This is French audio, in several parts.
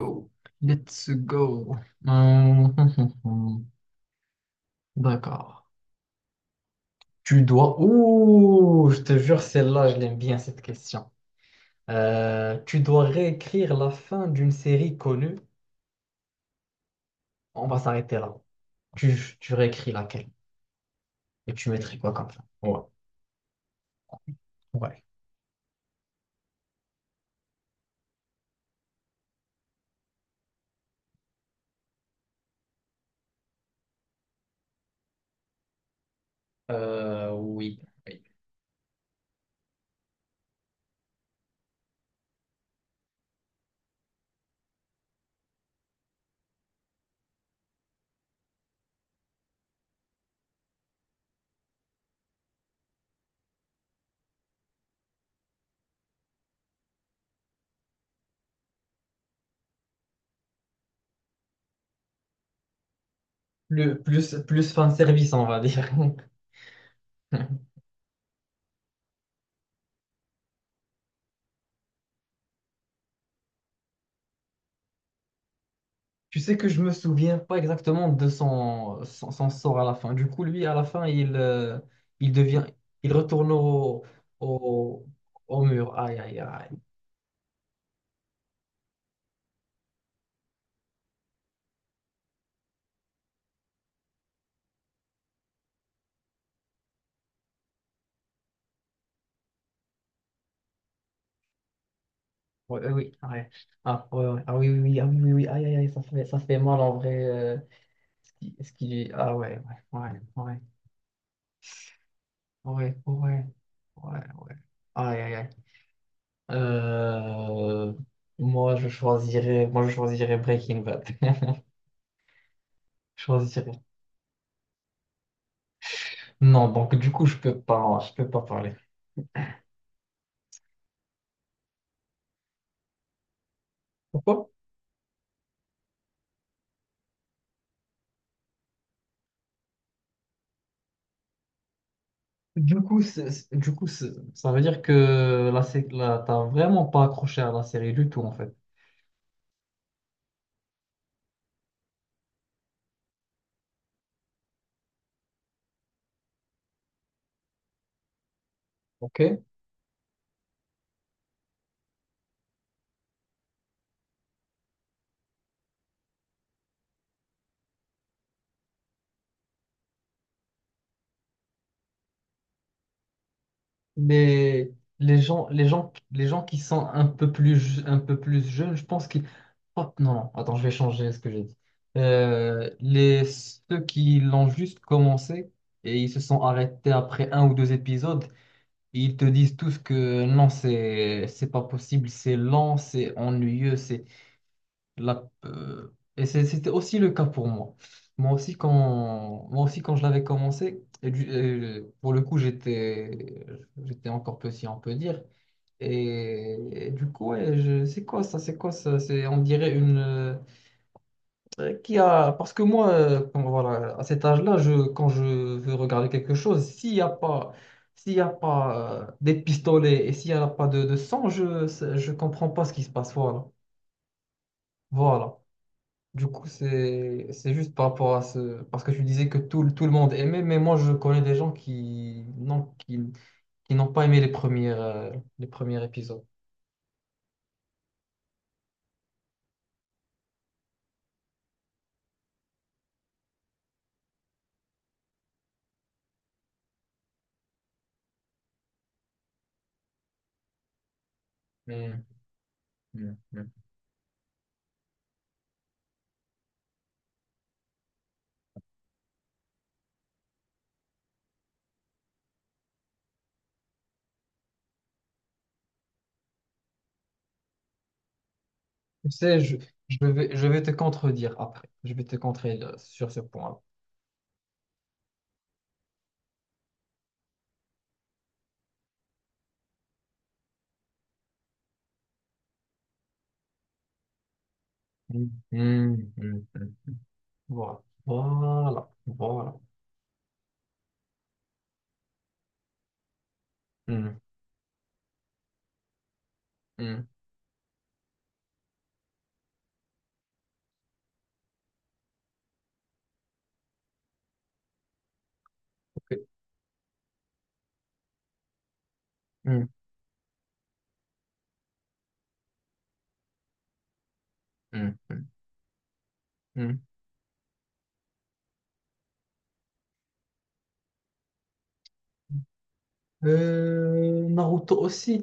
Go. Let's go. Hum, hum, hum, hum. D'accord. Tu dois... Ouh, je te jure, celle-là, je l'aime bien, cette question. Tu dois réécrire la fin d'une série connue. On va s'arrêter là. Tu réécris laquelle? Et tu mettrais quoi comme fin? Ouais. Ouais. Oui, oui. Plus, plus, plus fan service, on va dire. Tu sais que je me souviens pas exactement de son, son, son sort à la fin. Du coup, lui, à la fin, il il devient, il retourne au, au mur. Aïe, aïe, aïe. Ouais, oui, ouais. Ah, ouais, ouais. Ah oui, oui, oui, ah oui, oui, oui. Aïe, aïe, aïe, ça fait mal en vrai. Ah ouais, ouais, ouais, ouais, ouais, ouais, ouais, ouais. Aïe, aïe, aïe. Euh, moi, je choisirais Breaking Bad. Je choisirais Non, donc du coup, je peux pas parler. Pourquoi? Du coup, ça veut dire que la, t'as vraiment pas accroché à la série du tout, en fait. Ok? Mais les gens qui sont un peu plus, un peu plus jeunes, je pense qu'ils, hop, non, non, attends, je vais changer ce que j'ai dit. Ceux qui l'ont juste commencé et ils se sont arrêtés après un ou deux épisodes, ils te disent tous que non, c'est pas possible, c'est lent, c'est ennuyeux, c'est... C'était aussi le cas pour moi. Moi aussi, moi aussi, quand je l'avais commencé, et pour le coup, j'étais, j'étais encore petit, on peut dire. Et du coup, ouais, je- c'est quoi ça? C'est quoi ça? C'est, on dirait une. Qui a, parce que moi, quand- voilà, à cet âge-là, je, quand je veux regarder quelque chose, s'il n'y a pas, s'il y a pas des pistolets et s'il n'y a pas de, de sang, je ne comprends pas ce qui se passe. Voilà. Voilà. Du coup, c'est juste par rapport à ce... Parce que tu disais que tout, tout le monde aimait, mais moi, je connais des gens qui non, qui n'ont pas aimé les premières, les premiers épisodes. Mm, mm, mm. Tu sais, je vais te contredire après. Je vais te contredire sur ce point-là. Mm, mm, mm, mm. Voilà. Voilà. Voilà. Mm, mm. Ok. Mm, mm, mm, mm. Naruto aussi.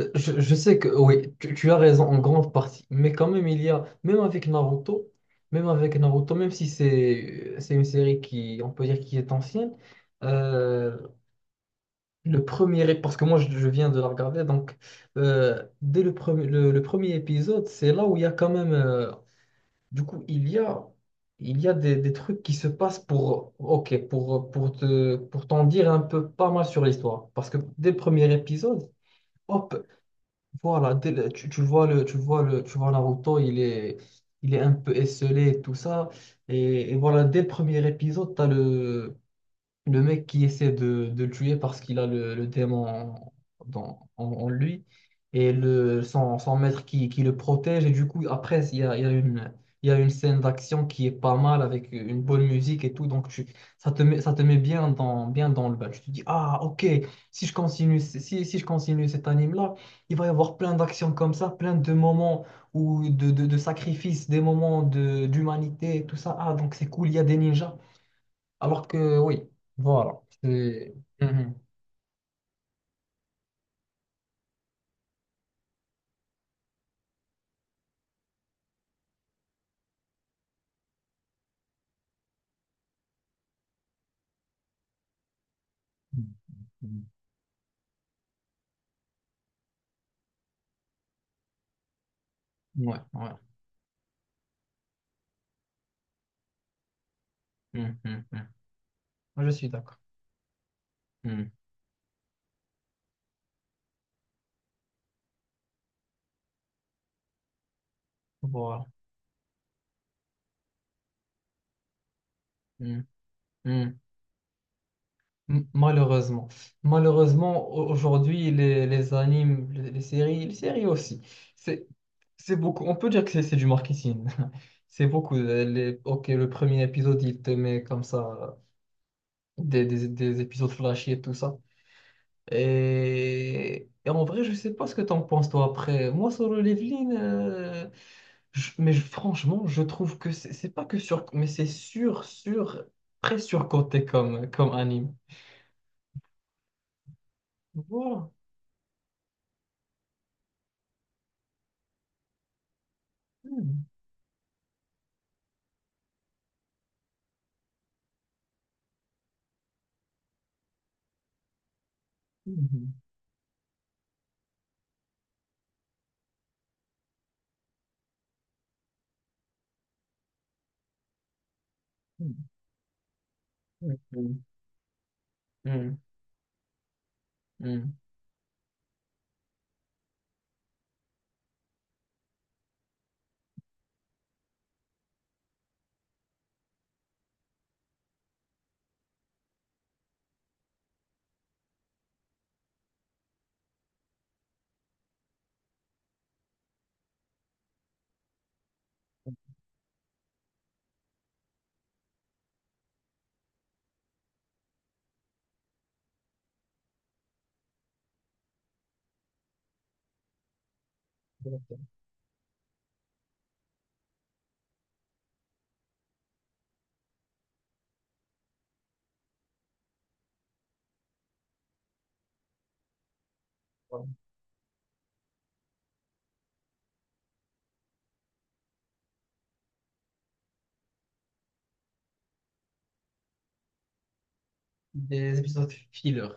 Je sais que oui, tu as raison en grande partie, mais quand même il y a, même avec Naruto, même avec Naruto, même si c'est c'est une série qui, on peut dire, qui est ancienne, euh, le premier, parce que je viens de la regarder, donc dès le premier, le premier épisode, c'est là où il y a quand même, du coup, il y a des trucs qui se passent pour, ok, pour te, pour t'en dire un peu pas mal sur l'histoire. Parce que dès le premier épisode, hop, voilà, tu, tu vois le, tu vois le, tu vois Naruto, il est un peu esselé et tout ça. Et voilà, dès le premier épisode, t'as le mec qui essaie de le tuer parce qu'il a le démon en lui et le, son, son maître qui le protège. Et du coup, après, il y a une scène d'action qui est pas mal avec une bonne musique et tout. Donc, tu, ça te met bien dans le bas. Tu te dis, ah, ok, si je continue, si je continue cet anime-là, il va y avoir plein d'actions comme ça, plein de moments ou de sacrifices, des moments de, d'humanité, et tout ça. Ah, donc c'est cool, il y a des ninjas. Alors que oui, voilà. C'est... Mhm. Mhm. Ouais, ouais. Mhm, mhm. Moi, je suis d'accord. Mhm. Voilà. Mhm. Mhm. Malheureusement. Malheureusement, aujourd'hui, les animes, les séries aussi, c'est, c'est beaucoup. On peut dire que c'est du marketing. C'est beaucoup. Les, ok, le premier épisode, il te met comme ça, des épisodes flashy et tout ça. Et en vrai, je sais pas ce que t'en penses toi après. Moi, solo leveling, mais je- franchement, je trouve que c'est pas que sur, mais c'est sur, sur, très surcoté comme, comme anime. Voilà. Hmm. Hmm. Hmm. Hmm. Hmm. Hmm. Hmm. Des épisodes filler.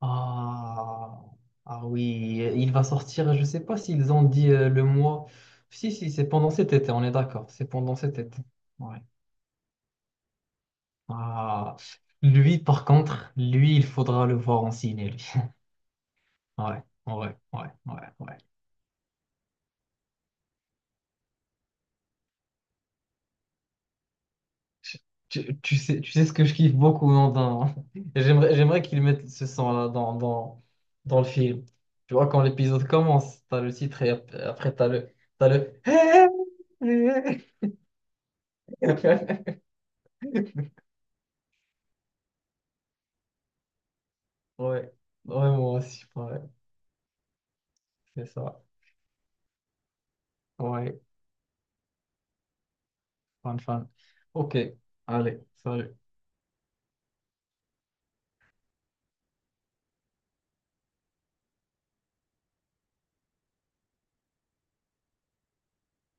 Ah, ah oui, il va sortir, je sais pas s'ils ont dit le mois. Si, si, c'est pendant cet été, on est d'accord, c'est pendant cet été. Ouais. Ah, lui, par contre, lui, il faudra le voir en ciné, lui. Ouais, ouais, ouais, ouais, ouais. Je- Tu, tu sais ce que je kiffe beaucoup non, dans... J'aimerais, j'aimerais qu'ils mettent ce son-là dans, dans, dans le film. Tu vois, quand l'épisode commence, t'as le titre et après t'as le... T'as le... Ouais, ouais, moi aussi, ouais, c'est ça. Ouais, fun, fun. Ok, allez, salut.